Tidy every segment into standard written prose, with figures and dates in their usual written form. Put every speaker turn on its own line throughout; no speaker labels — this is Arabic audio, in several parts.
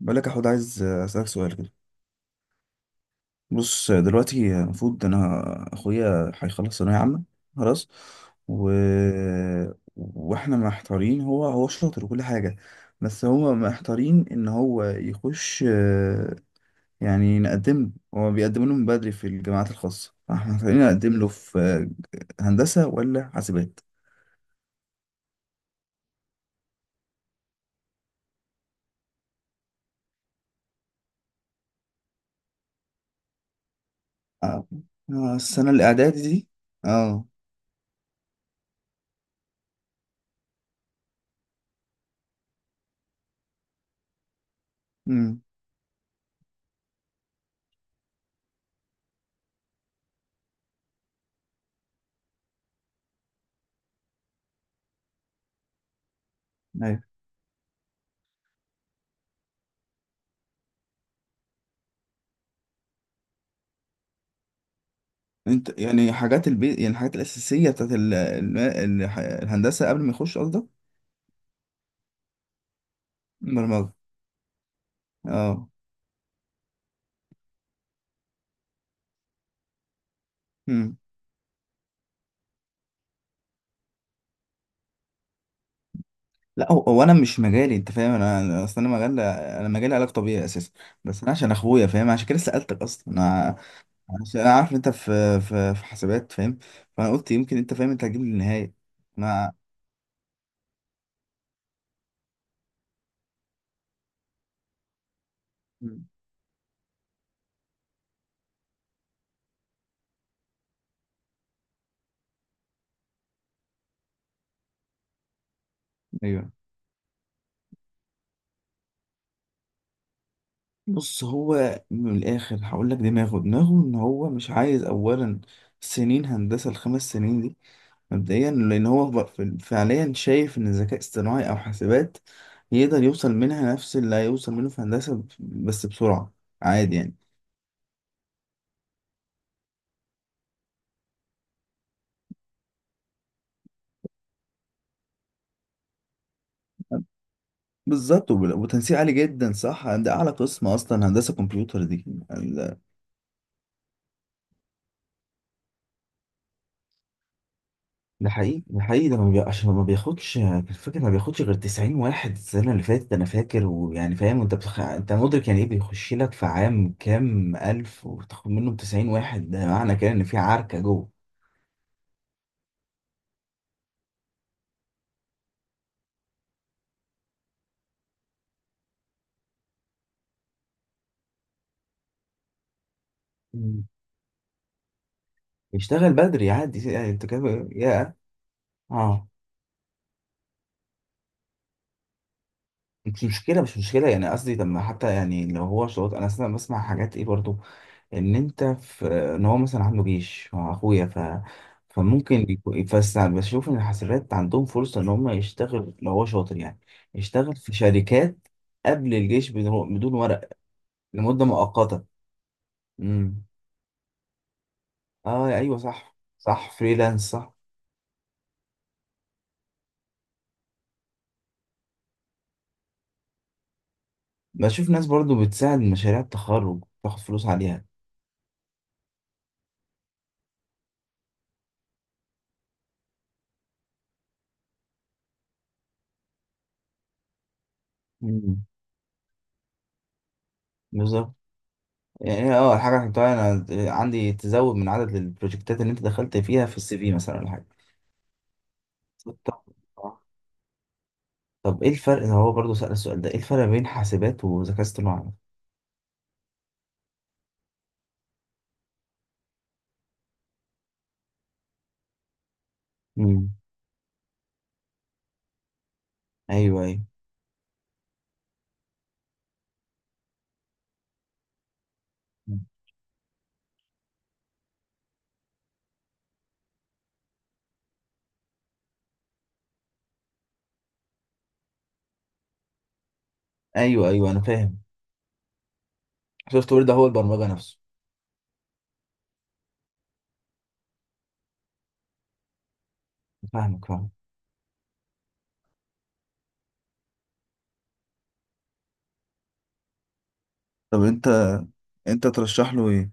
بقول لك يا حود عايز اسالك سؤال كده. بص دلوقتي المفروض انا اخويا هيخلص ثانويه عامه خلاص و... واحنا محتارين هو شاطر وكل حاجه. بس هو محتارين ان هو يخش يعني نقدم له. هو بيقدم له من بدري في الجامعات الخاصه فاحنا محتارين نقدم له في هندسه ولا حاسبات. آه، السنه الاعدادي دي. اه. امم انت يعني حاجات البيت، يعني الحاجات الاساسيه بتاعت الهندسه قبل ما يخش قصدك. برمجه، اه. مم. لا هو انا مش مجالي، انت فاهم، اصل انا مجال، انا مجالي علاج طبيعي اساسا. بس انا عشان اخويا فاهم، عشان كده سالتك اصلا. انا عشان انا عارف إن انت في، في حسابات، فاهم. فانا قلت يمكن انت فاهم، انت هتجيب لي النهايه. انا. مم. ايوه. بص هو من الاخر هقول لك دماغه، دماغه ان هو مش عايز اولا سنين هندسه الخمس سنين دي مبدئيا، لان هو فعليا شايف ان الذكاء الاصطناعي او حاسبات يقدر يوصل منها نفس اللي هيوصل منه في هندسة، بس بسرعة، عادي يعني. بالظبط، وتنسيق عالي جدا صح، ده اعلى قسم اصلا هندسة كمبيوتر دي. ال- ده حقيقي، ده حقيقي. ده ما بي... عشان ما بياخدش الفكرة، ما بياخدش غير 90 واحد السنة اللي فاتت أنا فاكر، ويعني فاهم أنت أنت مدرك يعني إيه، بيخش لك في عام كام ألف وتاخد منهم 90 واحد؟ ده معنى كده إن في عركة جوه. يشتغل بدري عادي يعني، انت كده يا. اه. مش مشكله، مش مشكله، يعني قصدي طب ما حتى، يعني لو هو شروط. انا اصلا بسمع حاجات ايه برضو، ان انت في، ان هو مثلا عنده جيش مع اخويا، ف فممكن يكون، بس بشوف ان الحسابات عندهم فرصه ان هم يشتغل لو هو شاطر يعني. يشتغل في شركات قبل الجيش، بدون بدون ورق، لمده مؤقته. امم. اه ايوه، صح صح، فريلانس صح. بشوف ناس برضو بتساعد مشاريع التخرج تاخد فلوس عليها. مم. بالظبط. يعني اه الحاجة اللي حطها انا عندي تزود من عدد البروجكتات اللي انت دخلت فيها في السي في مثلا ولا حاجة. طب، طب ايه الفرق؟ هو برضه سأل السؤال ده، ايه الفرق بين حاسبات وذكاء اصطناعي؟ امم. ايوه ايوه. ايوه ايوه، انا فاهم. السوفت وير ده هو البرمجة نفسه. فاهمك، فاهم. طب انت، انت ترشح له ايه؟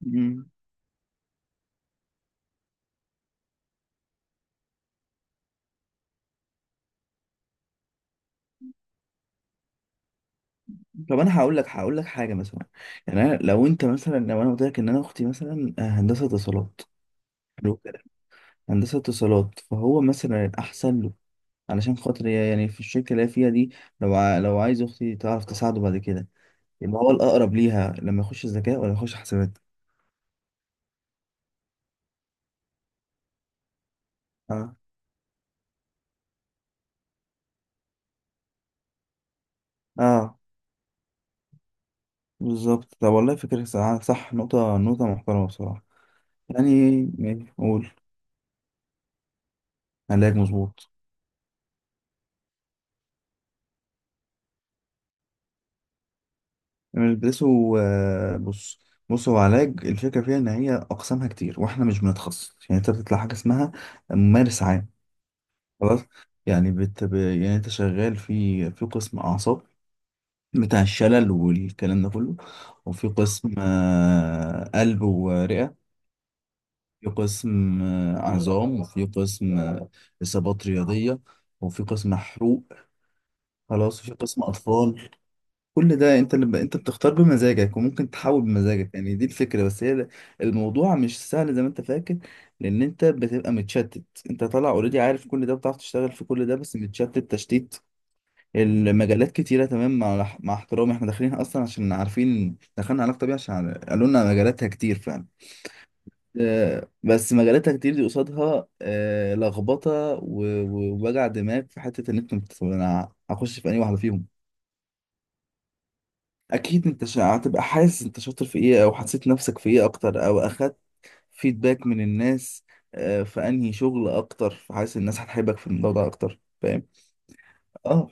مم. طب انا هقول لك، هقول لك حاجه مثلا. يعني انا لو انت مثلا، لو انا قلت لك ان انا اختي مثلا هندسه اتصالات، حلو كده، هندسه اتصالات، فهو مثلا الاحسن علشان خاطر هي يعني في الشركة اللي هي فيها دي، لو عايز أختي تعرف تساعده بعد كده، يبقى هو الأقرب ليها لما يخش الذكاء ولا يخش حسابات؟ اه. اه. بالظبط، طب والله فكرة، صح صح، نقطة، نقطة محترمة بصراحة يعني. ماشي، قول. علاج، مظبوط. بيلبسوا بص. بص هو علاج الفكرة فيها إن هي أقسامها كتير، وإحنا مش بنتخصص يعني، أنت بتطلع حاجة اسمها ممارس عام، خلاص. يعني يعني أنت شغال في، في قسم أعصاب بتاع الشلل والكلام ده كله، وفي قسم قلب ورئة، في قسم عظام، وفي قسم إصابات رياضية، وفي قسم حروق خلاص، وفي قسم أطفال. كل ده أنت اللي أنت بتختار بمزاجك، وممكن تحول بمزاجك، يعني دي الفكرة. بس هي الموضوع مش سهل زي ما أنت فاكر، لأن أنت بتبقى متشتت، أنت طالع أوريدي عارف كل ده، بتعرف تشتغل في كل ده، بس متشتت تشتيت. المجالات كتيرة، تمام، مع احترامي احنا داخلين اصلا عشان عارفين، دخلنا علاقة طبيعية عشان قالوا لنا مجالاتها كتير فعلا. بس مجالاتها كتير دي قصادها لخبطة، ووجع دماغ في حتة ان انت انا هخش في انهي واحدة فيهم. اكيد انت هتبقى حاسس انت شاطر في ايه، او حسيت نفسك في ايه اكتر، او اخدت فيدباك من الناس في انهي شغل اكتر، فحاسس الناس هتحبك في الموضوع ده اكتر، فاهم. اه.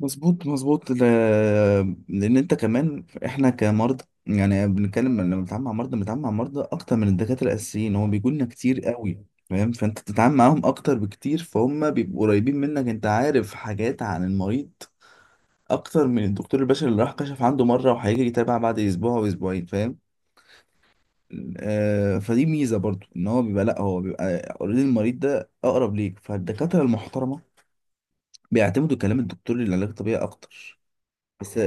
مظبوط مظبوط، لان انت كمان، احنا كمرضى يعني بنتكلم، لما بنتعامل مع مرضى، بنتعامل مع مرضى اكتر من الدكاتره الاساسيين، هو بيجوا لنا كتير قوي، فاهم. فانت بتتعامل معاهم اكتر بكتير، فهم بيبقوا قريبين منك، انت عارف حاجات عن المريض اكتر من الدكتور البشري اللي راح كشف عنده مره وهيجي يتابع بعد اسبوع واسبوعين، فاهم. آه فدي ميزه برضو ان هو بيبقى، لا هو بيبقى اوريدي المريض ده اقرب ليك، فالدكاتره المحترمه بيعتمدوا كلام الدكتور للعلاج الطبيعي اكتر. بس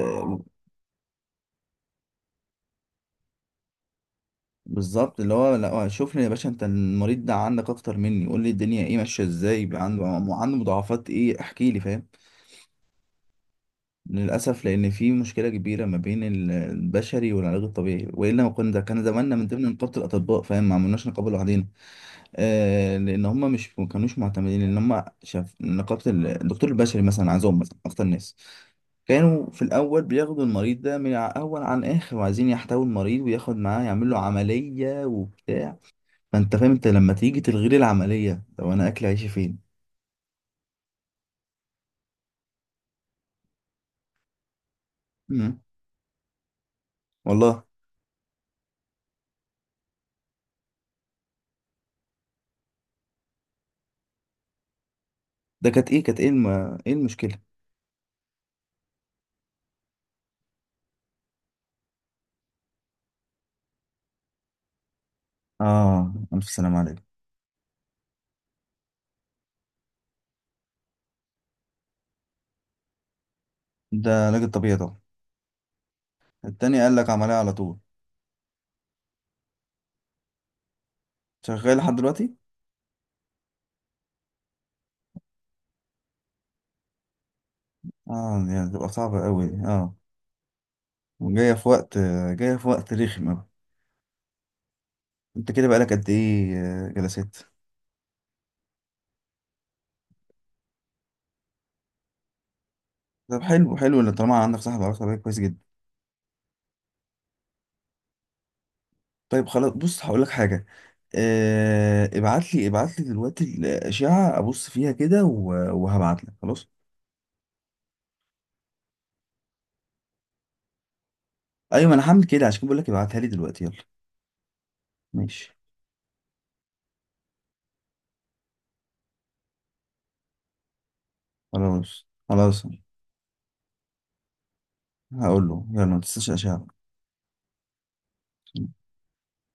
بالظبط، اللي هو لا هو شوف لي يا باشا، انت المريض ده عندك اكتر مني، قول لي الدنيا ايه ماشيه ازاي بقى، عنده، عنده مضاعفات ايه، احكي لي، فاهم. للاسف، لان في مشكله كبيره ما بين البشري والعلاج الطبيعي، والا ما كنا، كان زماننا من ضمن نقابه الاطباء، فاهم، ما عملناش نقابه لوحدنا. آه لان هم مش ما كانوش معتمدين ان هم شاف نقابه الدكتور البشري مثلا عندهم مثلا اكتر ناس. كانوا في الاول بياخدوا المريض ده من اول عن اخر، وعايزين يحتوي المريض وياخد معاه، يعمل له عمليه وبتاع. فانت فاهم، انت لما تيجي تلغي لي العمليه، لو انا اكل عيشي فين؟ مم. والله. ده كانت ايه، ايه المشكله؟ اه الف سلام عليك، ده علاج الطبيعي طبعا. التاني قال لك عمليه على طول. شغال لحد دلوقتي؟ اه يعني تبقى صعبه قوي دي. اه. وجايه في وقت، جايه في وقت رخم قوي. انت كده بقالك قد ايه جلسات؟ طب حلو، حلو اللي طالما عندك صاحب علاقه طبيعيه، كويس جدا. طيب خلاص، بص هقول لك حاجه، ابعت لي، ابعت لي دلوقتي الاشعه، ابص فيها كده، وهبعت لك خلاص. ايوه انا هعمل كده، عشان كده بقول لك ابعتها لي دلوقتي يلا. ماشي. خلاص خلاص، هقول له. يلا، ما تنساش اشعة.